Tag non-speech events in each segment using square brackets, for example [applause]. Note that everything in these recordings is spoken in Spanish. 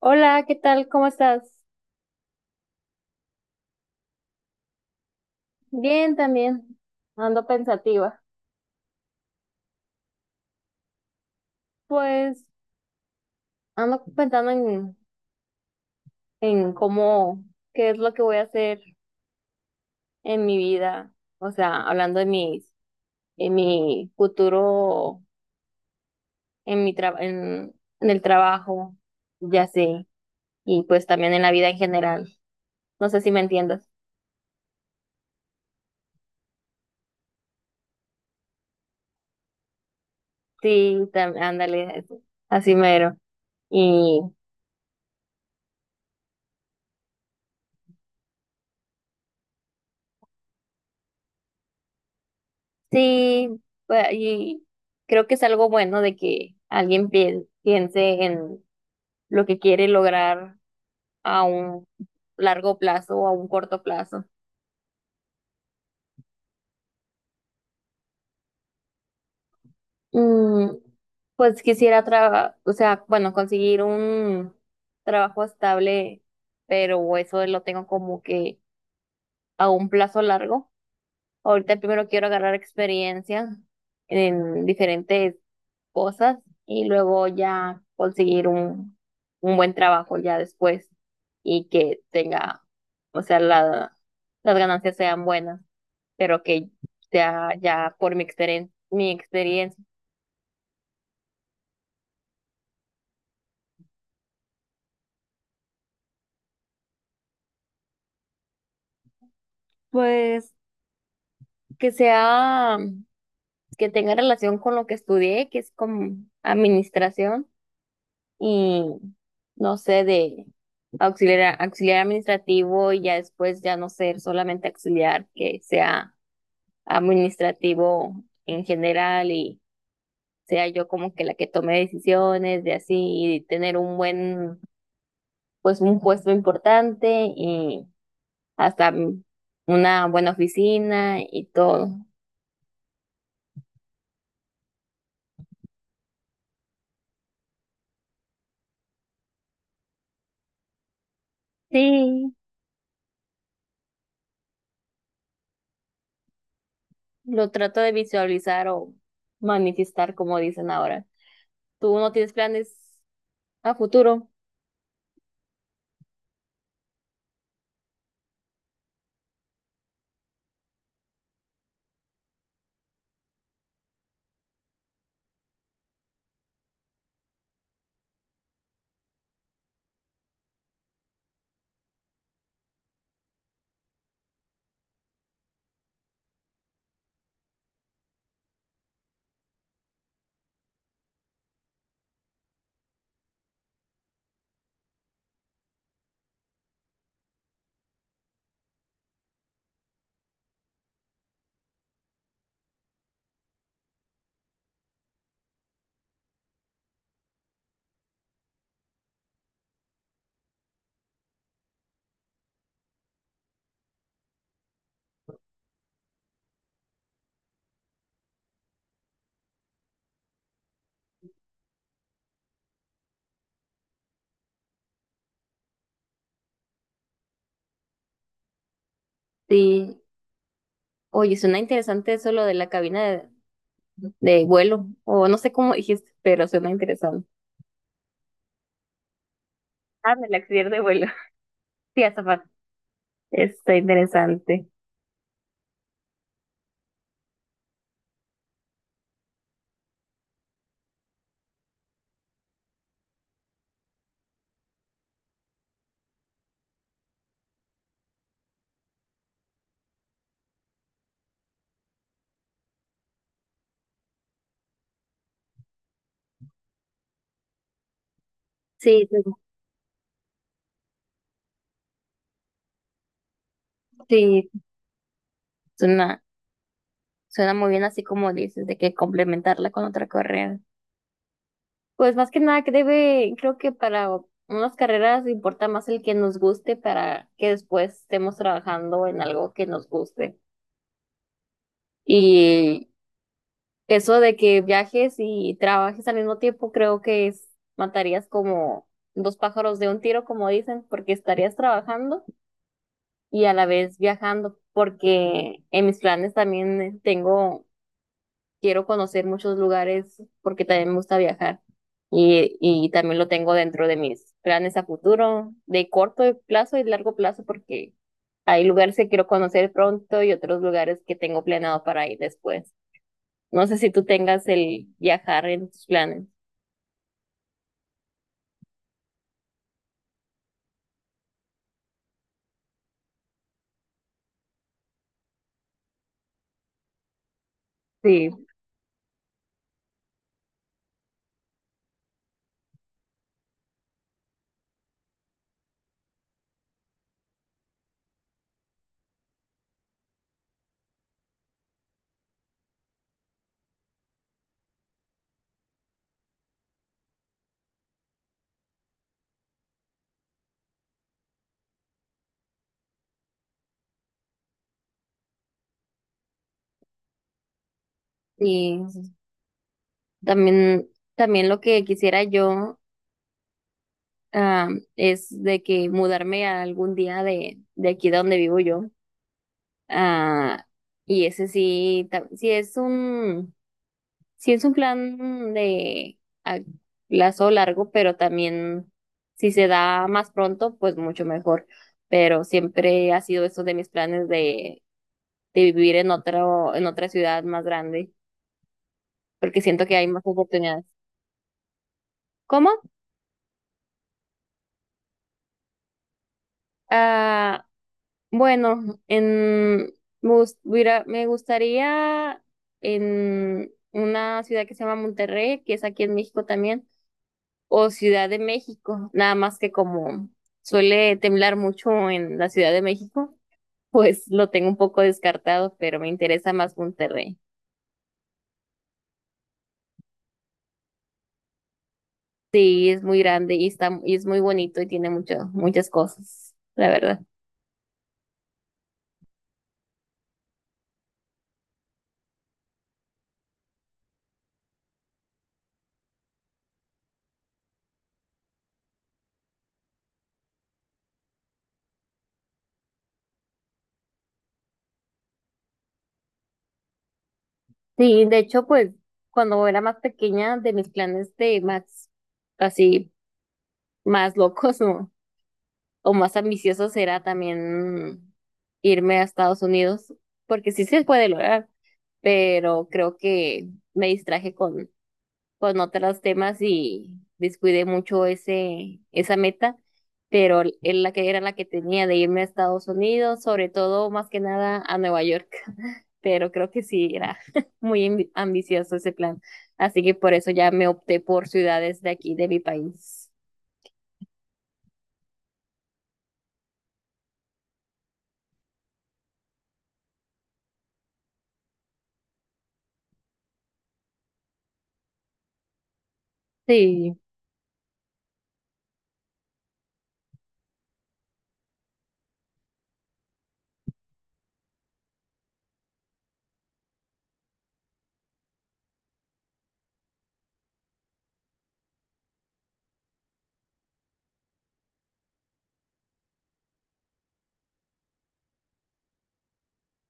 Hola, ¿qué tal? ¿Cómo estás? Bien, también ando pensativa. Pues ando pensando en cómo, qué es lo que voy a hacer en mi vida, o sea, hablando de mis, en mi futuro, en mi tra- en, en el trabajo, ya sé, y pues también en la vida en general. No sé si me entiendas. Sí, ándale, eso, así mero. Y sí, pues, y creo que es algo bueno de que alguien piense en lo que quiere lograr a un largo plazo o a un corto plazo. Mm, pues quisiera trabajar, o sea, bueno, conseguir un trabajo estable, pero eso lo tengo como que a un plazo largo. Ahorita primero quiero agarrar experiencia en diferentes cosas y luego ya conseguir un buen trabajo ya después y que tenga, o sea, la, las ganancias sean buenas, pero que sea ya por mi experiencia, pues que sea, que tenga relación con lo que estudié, que es como administración y no sé, de auxiliar, auxiliar administrativo y ya después ya no ser solamente auxiliar, que sea administrativo en general y sea yo como que la que tome decisiones de así y tener un buen, pues un puesto importante y hasta una buena oficina y todo. Sí, lo trato de visualizar o manifestar como dicen ahora. ¿Tú no tienes planes a futuro? Sí. Oye, suena interesante eso lo de la cabina de vuelo, o no sé cómo dijiste, pero suena interesante. Ah, del accidente de vuelo. [laughs] Sí, azafata. Está interesante. Sí, sí, sí, suena, suena muy bien así como dices, de que complementarla con otra carrera. Pues más que nada que debe, creo que para unas carreras importa más el que nos guste para que después estemos trabajando en algo que nos guste. Y eso de que viajes y trabajes al mismo tiempo, creo que es, matarías como dos pájaros de un tiro, como dicen, porque estarías trabajando y a la vez viajando, porque en mis planes también tengo, quiero conocer muchos lugares porque también me gusta viajar y también lo tengo dentro de mis planes a futuro, de corto plazo y largo plazo, porque hay lugares que quiero conocer pronto y otros lugares que tengo planeado para ir después. No sé si tú tengas el viajar en tus planes. Sí, sí. También, también lo que quisiera yo ah, es de que mudarme a algún día de aquí de donde vivo yo. Ah, y ese sí, sí es un plan de a plazo largo, pero también si se da más pronto, pues mucho mejor. Pero siempre ha sido eso de mis planes de vivir en otro, en otra ciudad más grande, porque siento que hay más oportunidades. ¿Cómo? Ah, bueno, en, me gustaría en una ciudad que se llama Monterrey, que es aquí en México también, o Ciudad de México, nada más que como suele temblar mucho en la Ciudad de México, [laughs] pues lo tengo un poco descartado, pero me interesa más Monterrey. Sí, es muy grande y está, y es muy bonito y tiene mucho, muchas cosas, la verdad. Sí, de hecho, pues cuando era más pequeña, de mis planes de más, así, más locos, [laughs] ¿no? O más ambicioso será también irme a Estados Unidos, porque sí se puede lograr, pero creo que me distraje con otros temas y descuidé mucho ese, esa meta, pero es la que era la que tenía de irme a Estados Unidos, sobre todo más que nada a Nueva York, [laughs] pero creo que sí era [laughs] muy ambicioso ese plan, así que por eso ya me opté por ciudades de aquí, de mi país. Sí.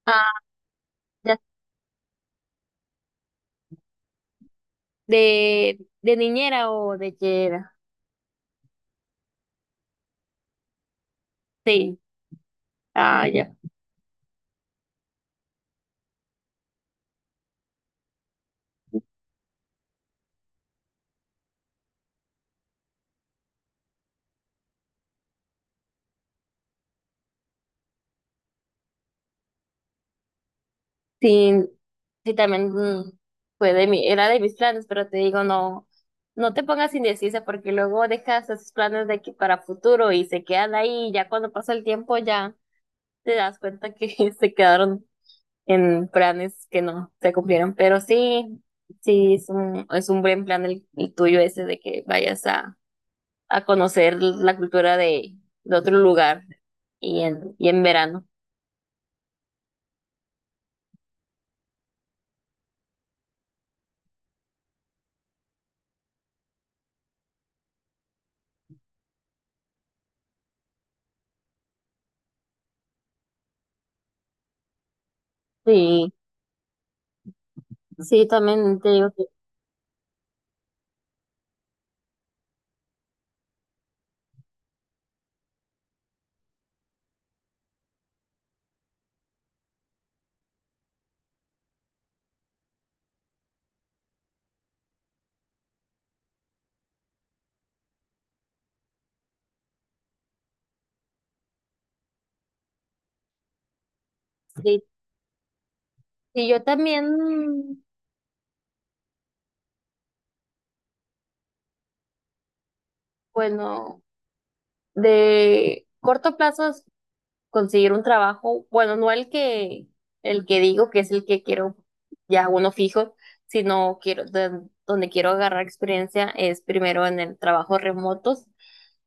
Ah, ya. De niñera o de qué era. Sí. Ah, ya. Sí, sí, también fue de mi, era de mis planes, pero te digo, no, no te pongas indecisa porque luego dejas esos planes de que para futuro y se quedan ahí y ya cuando pasa el tiempo ya te das cuenta que [laughs] se quedaron en planes que no se cumplieron. Pero sí, sí, es un buen plan el tuyo ese de que vayas a conocer la cultura de otro lugar y en verano. Sí, sí, también te digo que sí. Sí, yo también, bueno, de corto plazo es conseguir un trabajo, bueno, no el que, el que digo que es el que quiero ya uno fijo, sino quiero, donde quiero agarrar experiencia es primero en el trabajo remotos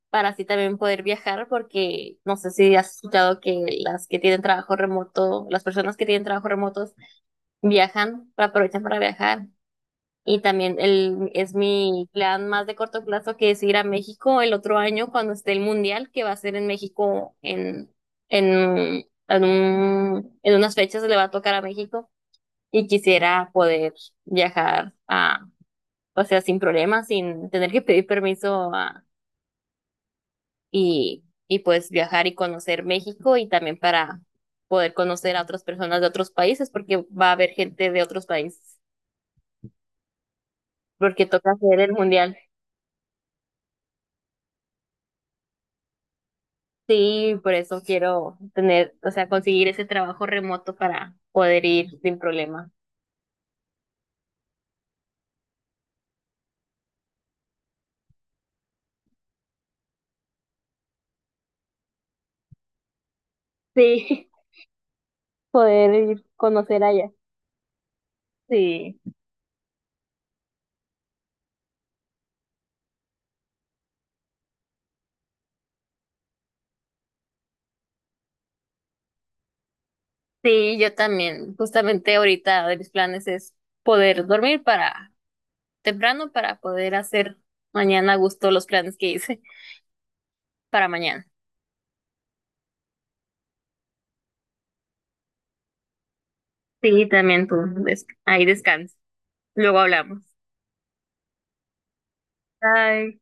para así también poder viajar, porque no sé si has escuchado que las que tienen trabajo remoto, las personas que tienen trabajo remotos viajan, aprovechan para viajar. Y también el, es mi plan más de corto plazo que es ir a México el otro año cuando esté el Mundial, que va a ser en México en unas fechas le va a tocar a México y quisiera poder viajar a, o sea, sin problemas, sin tener que pedir permiso y pues viajar y conocer México y también para poder conocer a otras personas de otros países porque va a haber gente de otros países porque toca hacer el mundial. Sí, por eso quiero tener, o sea, conseguir ese trabajo remoto para poder ir sin problema. Sí, [laughs] poder ir conocer allá. Sí, sí, yo también. Justamente ahorita de mis planes es poder dormir para temprano para poder hacer mañana a gusto los planes que hice para mañana. Sí, también tú. Ahí descansa. Luego hablamos. Bye.